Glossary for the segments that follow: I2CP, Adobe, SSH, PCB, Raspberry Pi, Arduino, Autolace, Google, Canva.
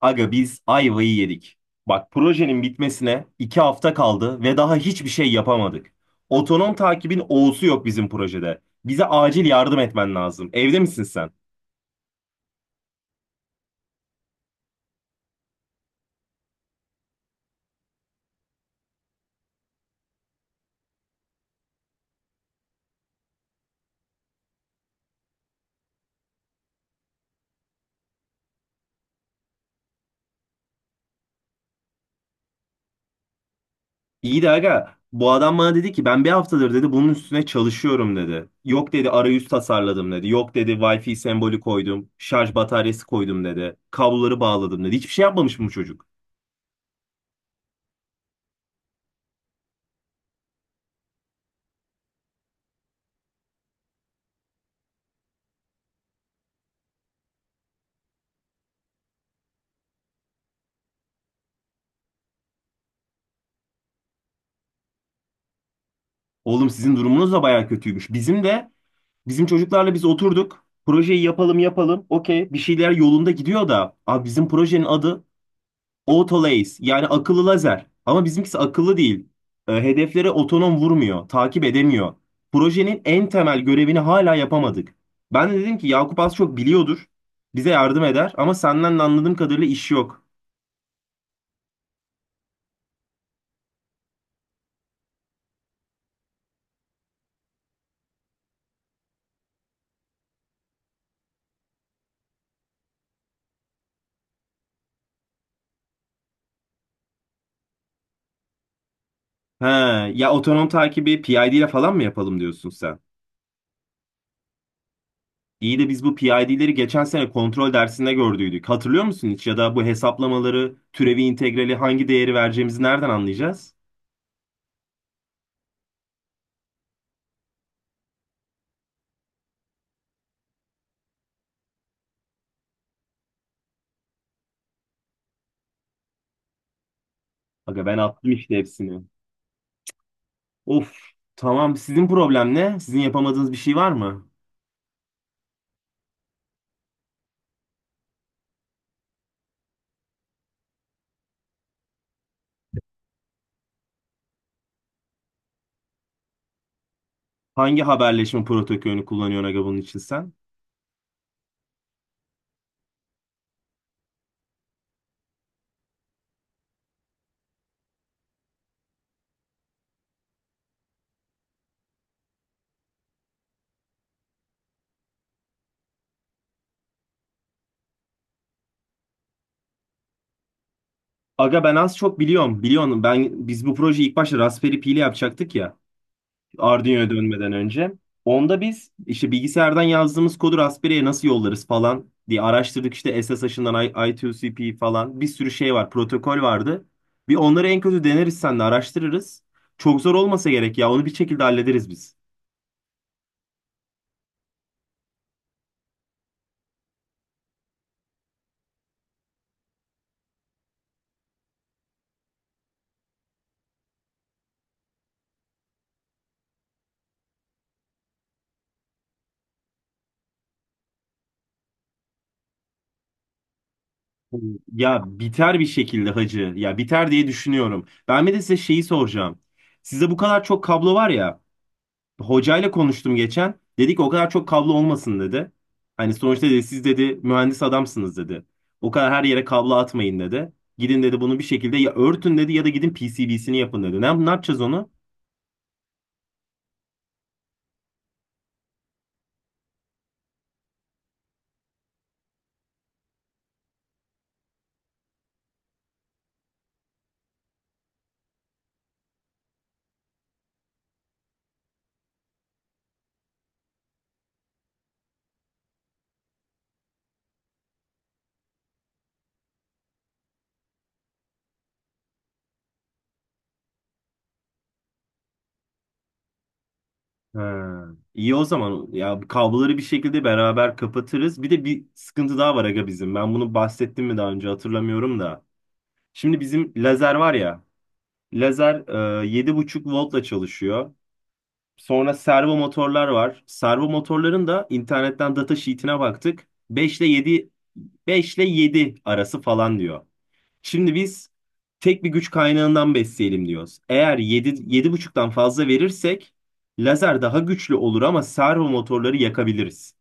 Aga biz ayvayı yedik. Bak projenin bitmesine 2 hafta kaldı ve daha hiçbir şey yapamadık. Otonom takibin O'su yok bizim projede. Bize acil yardım etmen lazım. Evde misin sen? İyi de aga bu adam bana dedi ki ben bir haftadır dedi bunun üstüne çalışıyorum dedi. Yok dedi arayüz tasarladım dedi. Yok dedi Wi-Fi sembolü koydum. Şarj bataryası koydum dedi. Kabloları bağladım dedi. Hiçbir şey yapmamış mı bu çocuk? Oğlum sizin durumunuz da baya kötüymüş. Bizim çocuklarla biz oturduk. Projeyi yapalım yapalım. Okey bir şeyler yolunda gidiyor da. Abi bizim projenin adı Autolace yani akıllı lazer. Ama bizimkisi akıllı değil. Hedeflere otonom vurmuyor. Takip edemiyor. Projenin en temel görevini hala yapamadık. Ben de dedim ki Yakup az çok biliyordur. Bize yardım eder ama senden de anladığım kadarıyla iş yok. He, ya otonom takibi PID ile falan mı yapalım diyorsun sen? İyi de biz bu PID'leri geçen sene kontrol dersinde gördüydük. Hatırlıyor musun hiç? Ya da bu hesaplamaları, türevi integrali hangi değeri vereceğimizi nereden anlayacağız? Aga ben attım işte hepsini. Of, tamam. Sizin problem ne? Sizin yapamadığınız bir şey var mı? Hangi haberleşme protokolünü kullanıyorsun aga bunun için sen? Aga ben az çok biliyorum. Biliyorsun biz bu projeyi ilk başta Raspberry Pi ile yapacaktık ya. Arduino'ya dönmeden önce. Onda biz işte bilgisayardan yazdığımız kodu Raspberry'e nasıl yollarız falan diye araştırdık. İşte SSH'ından I2CP falan bir sürü şey var, protokol vardı. Bir onları en kötü deneriz sen de araştırırız. Çok zor olmasa gerek ya onu bir şekilde hallederiz biz. Ya biter bir şekilde hacı. Ya biter diye düşünüyorum. Ben bir de size şeyi soracağım. Sizde bu kadar çok kablo var ya. Hocayla konuştum geçen. Dedi ki o kadar çok kablo olmasın dedi. Hani sonuçta dedi siz dedi mühendis adamsınız dedi. O kadar her yere kablo atmayın dedi. Gidin dedi bunu bir şekilde ya örtün dedi ya da gidin PCB'sini yapın dedi. Ne yapacağız onu? Ha, iyi o zaman ya kabloları bir şekilde beraber kapatırız. Bir de bir sıkıntı daha var aga bizim. Ben bunu bahsettim mi daha önce hatırlamıyorum da. Şimdi bizim lazer var ya. Lazer 7,5 voltla çalışıyor. Sonra servo motorlar var. Servo motorların da internetten data sheet'ine baktık. 5 ile 7 arası falan diyor. Şimdi biz tek bir güç kaynağından besleyelim diyoruz. Eğer 7 buçuktan fazla verirsek lazer daha güçlü olur ama servo motorları yakabiliriz.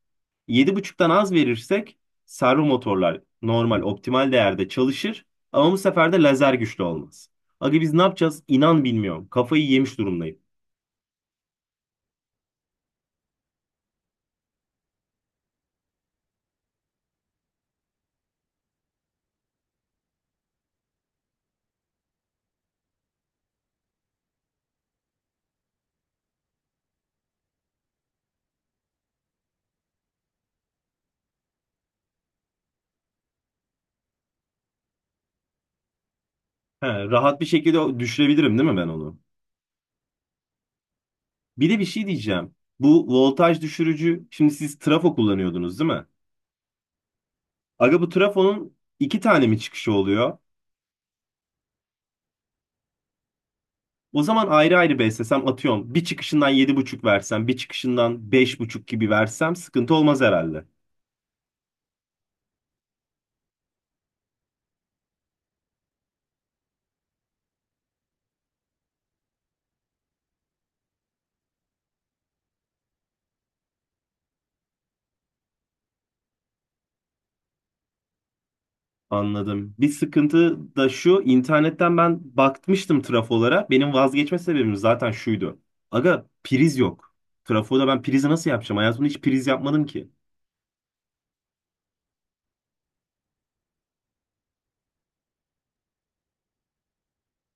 Yedi buçuktan az verirsek servo motorlar normal optimal değerde çalışır ama bu sefer de lazer güçlü olmaz. Aga biz ne yapacağız? İnan bilmiyorum. Kafayı yemiş durumdayım. He, rahat bir şekilde düşürebilirim değil mi ben onu? Bir de bir şey diyeceğim. Bu voltaj düşürücü, şimdi siz trafo kullanıyordunuz değil mi? Aga bu trafonun iki tane mi çıkışı oluyor? O zaman ayrı ayrı beslesem atıyorum. Bir çıkışından yedi buçuk versem, bir çıkışından beş buçuk gibi versem sıkıntı olmaz herhalde. Anladım. Bir sıkıntı da şu, internetten ben bakmıştım trafolara. Benim vazgeçme sebebim zaten şuydu. Aga priz yok. Trafoda ben prizi nasıl yapacağım? Hayatımda hiç priz yapmadım ki.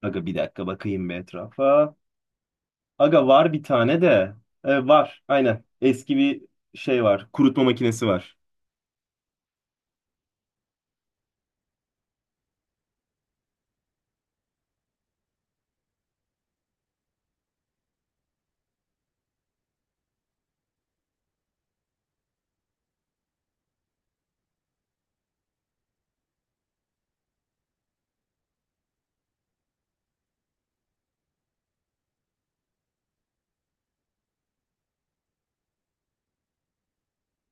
Aga bir dakika bakayım bir etrafa. Aga var bir tane de. E, var aynen. Eski bir şey var. Kurutma makinesi var.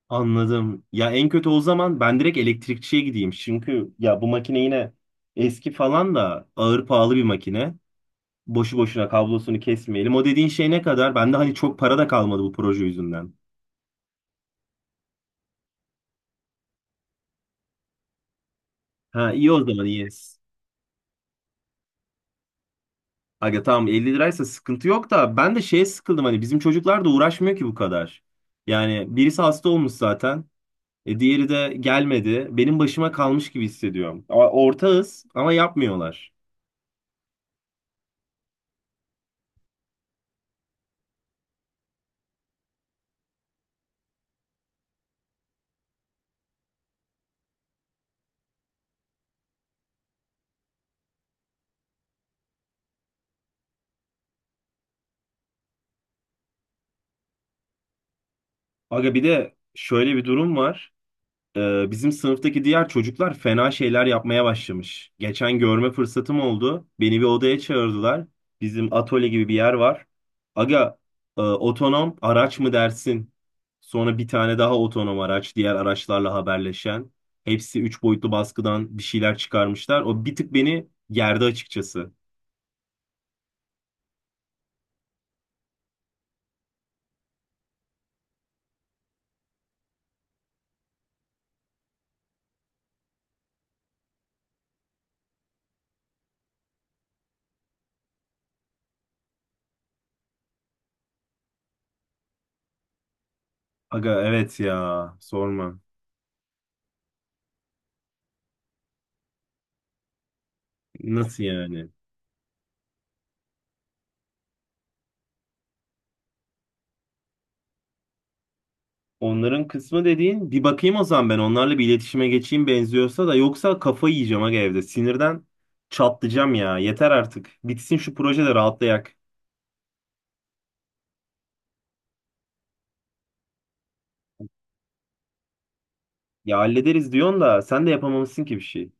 Anladım. Ya en kötü o zaman ben direkt elektrikçiye gideyim. Çünkü ya bu makine yine eski falan da ağır pahalı bir makine. Boşu boşuna kablosunu kesmeyelim. O dediğin şey ne kadar? Bende hani çok para da kalmadı bu proje yüzünden. Ha, iyi o zaman iyi. Aga tamam 50 liraysa sıkıntı yok da ben de şeye sıkıldım hani bizim çocuklar da uğraşmıyor ki bu kadar. Yani birisi hasta olmuş zaten. E, diğeri de gelmedi. Benim başıma kalmış gibi hissediyorum. Ama ortağız ama yapmıyorlar. Aga bir de şöyle bir durum var. E, bizim sınıftaki diğer çocuklar fena şeyler yapmaya başlamış. Geçen görme fırsatım oldu. Beni bir odaya çağırdılar. Bizim atölye gibi bir yer var. Aga otonom araç mı dersin? Sonra bir tane daha otonom araç, diğer araçlarla haberleşen. Hepsi 3 boyutlu baskıdan bir şeyler çıkarmışlar. O bir tık beni gerdi açıkçası. Aga evet ya sorma. Nasıl yani? Onların kısmı dediğin bir bakayım o zaman ben onlarla bir iletişime geçeyim benziyorsa da yoksa kafayı yiyeceğim aga evde. Sinirden çatlayacağım ya. Yeter artık. Bitsin şu proje de rahatlayak. Ya hallederiz diyorsun da sen de yapamamışsın ki bir şey.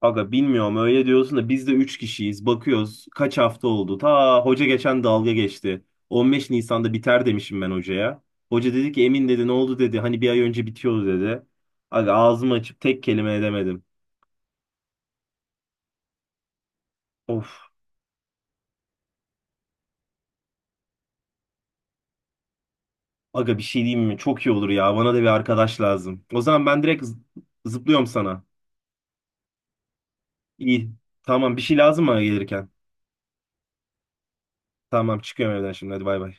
Aga bilmiyorum öyle diyorsun da biz de 3 kişiyiz. Bakıyoruz kaç hafta oldu. Ta hoca geçen dalga geçti. 15 Nisan'da biter demişim ben hocaya. Hoca dedi ki Emin dedi ne oldu dedi. Hani bir ay önce bitiyordu dedi. Aga ağzımı açıp tek kelime edemedim. Of. Aga bir şey diyeyim mi? Çok iyi olur ya. Bana da bir arkadaş lazım. O zaman ben direkt zıplıyorum sana. İyi. Tamam bir şey lazım mı gelirken? Tamam çıkıyorum evden şimdi hadi bay bay.